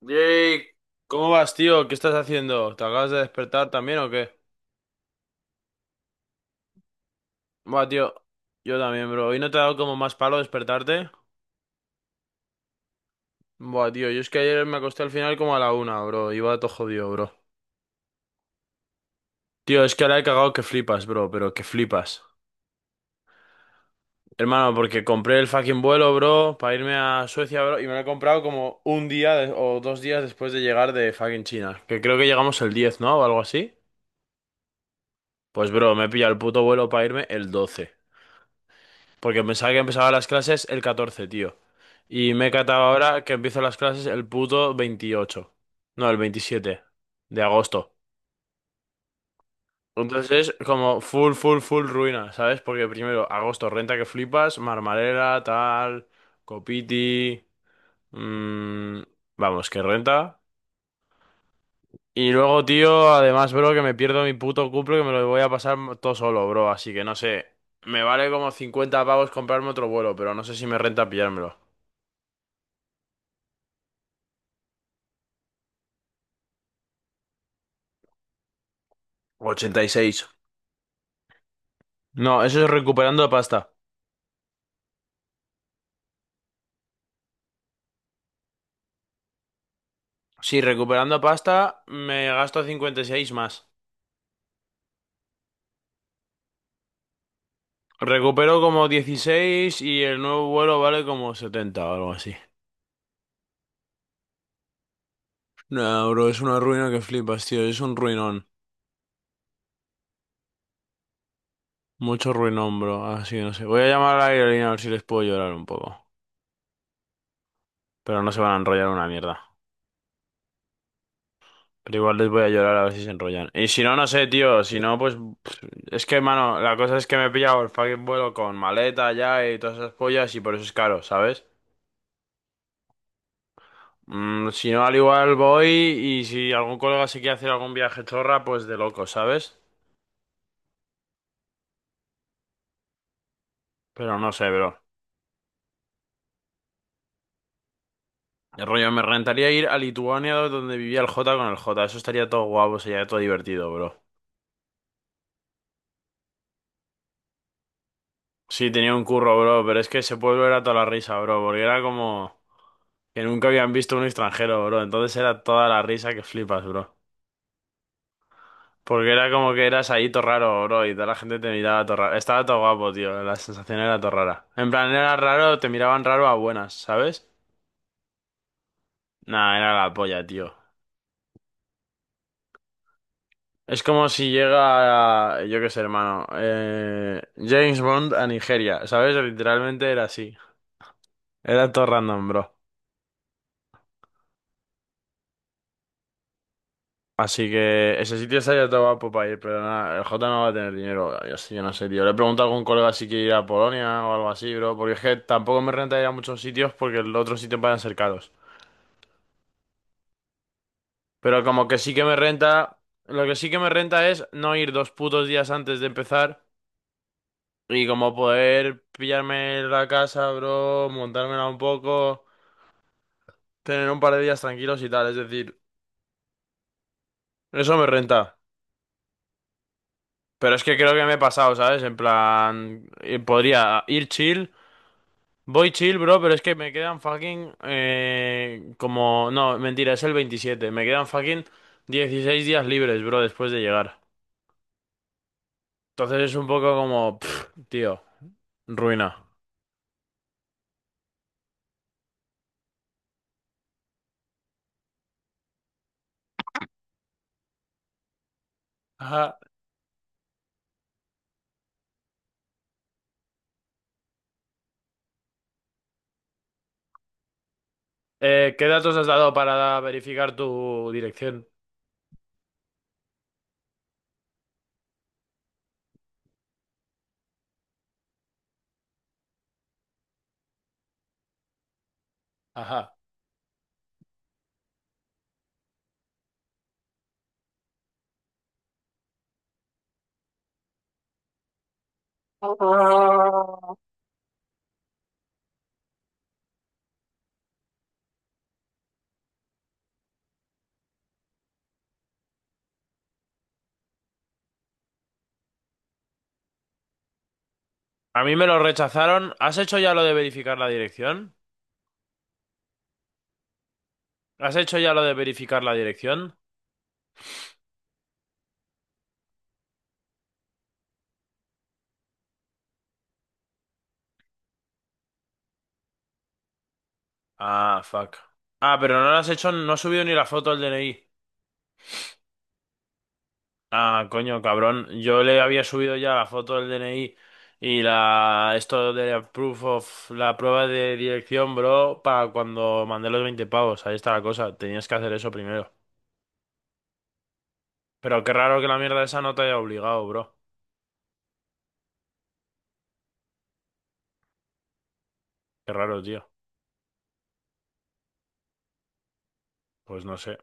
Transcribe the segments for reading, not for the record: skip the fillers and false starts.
Yay, ¿cómo vas, tío? ¿Qué estás haciendo? ¿Te acabas de despertar también o qué? Buah, tío, yo también, bro. ¿Hoy no te ha dado como más palo despertarte? Buah, tío, yo es que ayer me acosté al final como a la una, bro. Iba todo jodido, bro. Tío, es que ahora he cagado que flipas, bro, pero que flipas. Hermano, porque compré el fucking vuelo, bro, para irme a Suecia, bro, y me lo he comprado como o dos días después de llegar de fucking China, que creo que llegamos el 10, ¿no? O algo así. Pues, bro, me he pillado el puto vuelo para irme el 12. Porque pensaba que empezaba las clases el 14, tío. Y me he catado ahora que empiezo las clases el puto 28. No, el 27 de agosto. Entonces es como full, full, full ruina, ¿sabes? Porque primero, agosto, renta que flipas, Marmarela, tal, Copiti. mm, vamos, que renta. Y luego, tío, además, bro, que me pierdo mi puto cumple que me lo voy a pasar todo solo, bro. Así que no sé. Me vale como 50 pavos comprarme otro vuelo, pero no sé si me renta pillármelo. 86. No, eso es recuperando pasta. Sí, recuperando pasta me gasto 56 más. Recupero como 16 y el nuevo vuelo vale como 70 o algo así. No, bro, es una ruina que flipas, tío. Es un ruinón. Mucho ruinón, bro. Así no sé. Voy a llamar a la aerolínea a ver si les puedo llorar un poco. Pero no se van a enrollar una mierda. Pero igual les voy a llorar a ver si se enrollan. Y si no, no sé, tío. Si no, pues... pff, Es que, mano, la cosa es que me he pillado el fucking vuelo con maleta ya y todas esas pollas y por eso es caro, ¿sabes? Si no, al igual voy y si algún colega se quiere hacer algún viaje chorra, pues de loco, ¿sabes? Pero no sé, bro. El rollo, me rentaría ir a Lituania donde vivía el Jota con el Jota. Eso estaría todo guapo, sería todo divertido, bro. Sí, tenía un curro, bro, pero es que ese pueblo era toda la risa, bro, porque era como que nunca habían visto un extranjero, bro. Entonces era toda la risa que flipas, bro. Porque era como que eras ahí todo raro, bro, y toda la gente te miraba todo raro. Estaba todo guapo, tío, la sensación era todo rara. En plan, era raro, te miraban raro a buenas, ¿sabes? Nah, era la polla, tío. Es como si llega, yo qué sé, hermano, James Bond a Nigeria, ¿sabes? Literalmente era así. Era todo random, bro. Así que ese sitio estaría todo guapo para ir, pero nada, el J no va a tener dinero. Yo, sí, yo no sé, tío. Le he preguntado a algún colega si quiere ir a Polonia o algo así, bro, porque es que tampoco me renta ir a muchos sitios porque los otros sitios van a ser caros. Pero como que sí que me renta, lo que sí que me renta es no ir dos putos días antes de empezar. Y como poder pillarme la casa, bro, montármela un poco, tener un par de días tranquilos y tal, es decir, eso me renta. Pero es que creo que me he pasado, ¿sabes? En plan, podría ir chill, voy chill, bro, pero es que me quedan fucking, como, no, mentira, es el 27, me quedan fucking 16 días libres, bro, después de llegar. Entonces es un poco como, tío, ruina. Ajá. ¿Qué datos has dado para verificar tu dirección? Ajá. A mí me lo rechazaron. ¿Has hecho ya lo de verificar la dirección? ¿Has hecho ya lo de verificar la dirección? Ah, fuck. Ah, pero no lo has hecho, no has subido ni la foto del DNI. Ah, coño, cabrón. Yo le había subido ya la foto del DNI y la esto de proof of la prueba de dirección, bro, para cuando mandé los 20 pavos. Ahí está la cosa. Tenías que hacer eso primero. Pero qué raro que la mierda esa no te haya obligado, bro. Qué raro, tío. Pues no sé.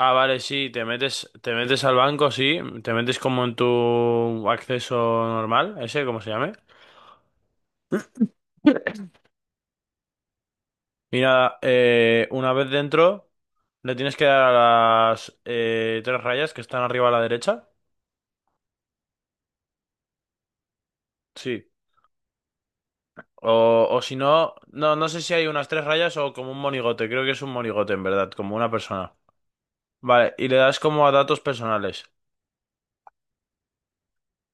Ah, vale, sí, te metes al banco, sí, te metes como en tu acceso normal, ese, ¿cómo se llame? Y nada, una vez dentro, le tienes que dar a las tres rayas que están arriba a la derecha, sí. O si no, no, sé si hay unas tres rayas o como un monigote, creo que es un monigote en verdad, como una persona. Vale, y le das como a datos personales.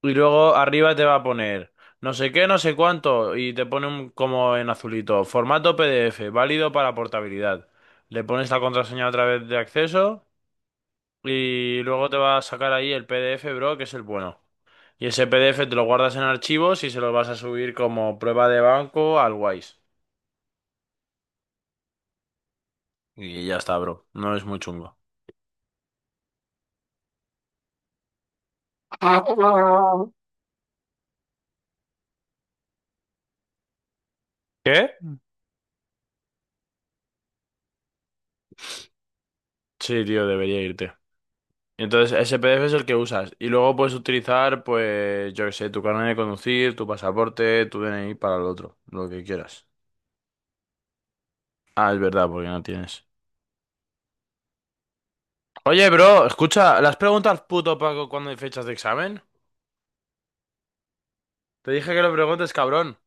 Y luego arriba te va a poner no sé qué, no sé cuánto, y te pone un, como en azulito, formato PDF, válido para portabilidad. Le pones la contraseña otra vez de acceso y luego te va a sacar ahí el PDF, bro, que es el bueno. Y ese PDF te lo guardas en archivos y se lo vas a subir como prueba de banco al Wise. Y ya está, bro. No es muy chungo. ¿Qué? Sí, tío, debería irte. Entonces, ese PDF es el que usas. Y luego puedes utilizar, pues, yo qué sé, tu carnet de conducir, tu pasaporte, tu DNI para el otro, lo que quieras. Ah, es verdad, porque no tienes. Oye, bro, escucha, ¿las preguntas puto Paco cuando hay fechas de examen? Te dije que lo preguntes, cabrón.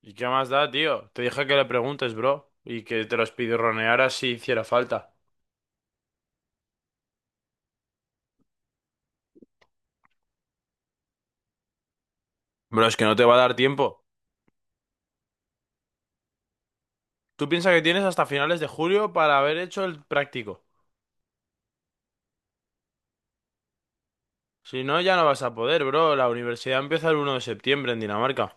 ¿Y qué más da, tío? Te dije que le preguntes, bro. Y que te los pidorronearas si hiciera falta. Bro, es que no te va a dar tiempo. Tú piensas que tienes hasta finales de julio para haber hecho el práctico. Si no, ya no vas a poder, bro. La universidad empieza el 1 de septiembre en Dinamarca.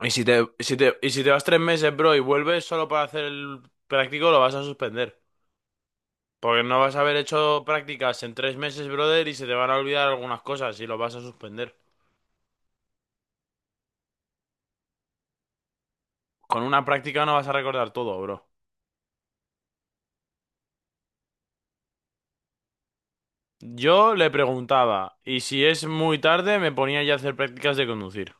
Y si te, y si te, y si te vas 3 meses, bro, y vuelves solo para hacer el práctico, lo vas a suspender. Porque no vas a haber hecho prácticas en 3 meses, brother, y se te van a olvidar algunas cosas y lo vas a suspender. Con una práctica no vas a recordar todo, bro. Yo le preguntaba, y si es muy tarde, me ponía ya a hacer prácticas de conducir.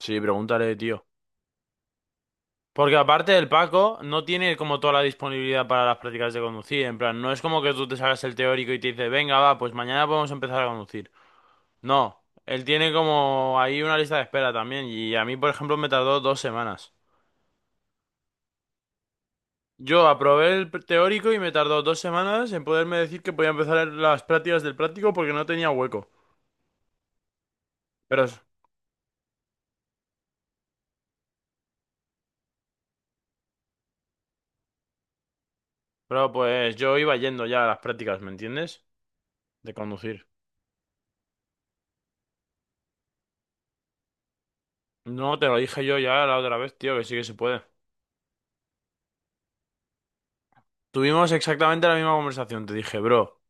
Sí, pregúntale, tío. Porque aparte el Paco no tiene como toda la disponibilidad para las prácticas de conducir. En plan, no es como que tú te hagas el teórico y te dice, venga, va, pues mañana podemos empezar a conducir. No, él tiene como ahí una lista de espera también y a mí, por ejemplo, me tardó 2 semanas. Yo aprobé el teórico y me tardó 2 semanas en poderme decir que podía empezar las prácticas del práctico porque no tenía hueco. Pero, pero pues yo iba yendo ya a las prácticas, ¿me entiendes? De conducir. No, te lo dije yo ya la otra vez, tío, que sí que se puede. Tuvimos exactamente la misma conversación. Te dije, bro,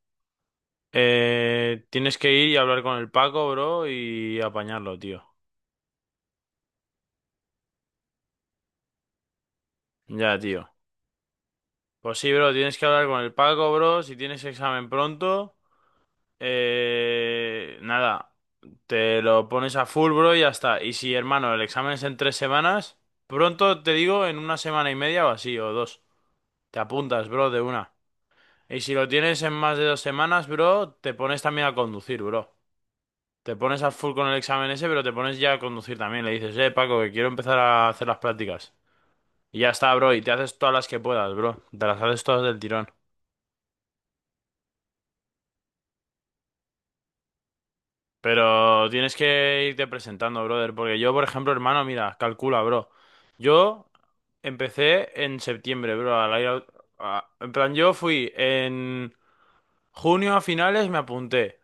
tienes que ir y hablar con el Paco, bro, y apañarlo, tío. Ya, tío. Pues sí, bro, tienes que hablar con el Paco, bro. Si tienes examen pronto, nada, te lo pones a full, bro, y ya está. Y si, hermano, el examen es en 3 semanas, pronto te digo en una semana y media o así, o dos. Te apuntas, bro, de una. Y si lo tienes en más de 2 semanas, bro, te pones también a conducir, bro. Te pones a full con el examen ese, pero te pones ya a conducir también. Le dices, Paco, que quiero empezar a hacer las prácticas. Y ya está, bro, y te haces todas las que puedas, bro. Te las haces todas del tirón. Pero tienes que irte presentando, brother, porque yo, por ejemplo, hermano, mira, calcula, bro. Yo empecé en septiembre, bro, en plan, yo fui en junio a finales, me apunté.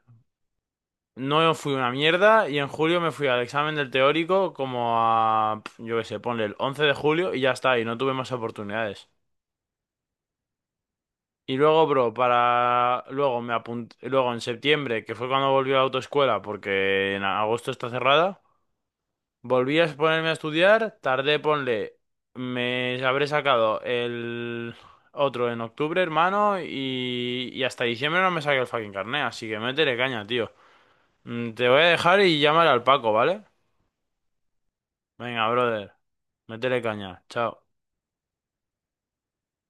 No fui una mierda y en julio me fui al examen del teórico como a, yo qué sé, ponle el 11 de julio y ya está, y no tuve más oportunidades. Y luego, bro, Luego en septiembre, que fue cuando volví a la autoescuela, porque en agosto está cerrada. Volví a ponerme a estudiar, tardé, ponle, me habré sacado el otro en octubre, hermano, y hasta diciembre no me saqué el fucking carnet, así que métele caña, tío. Te voy a dejar y llamar al Paco, ¿vale? Venga, brother, métele caña, chao.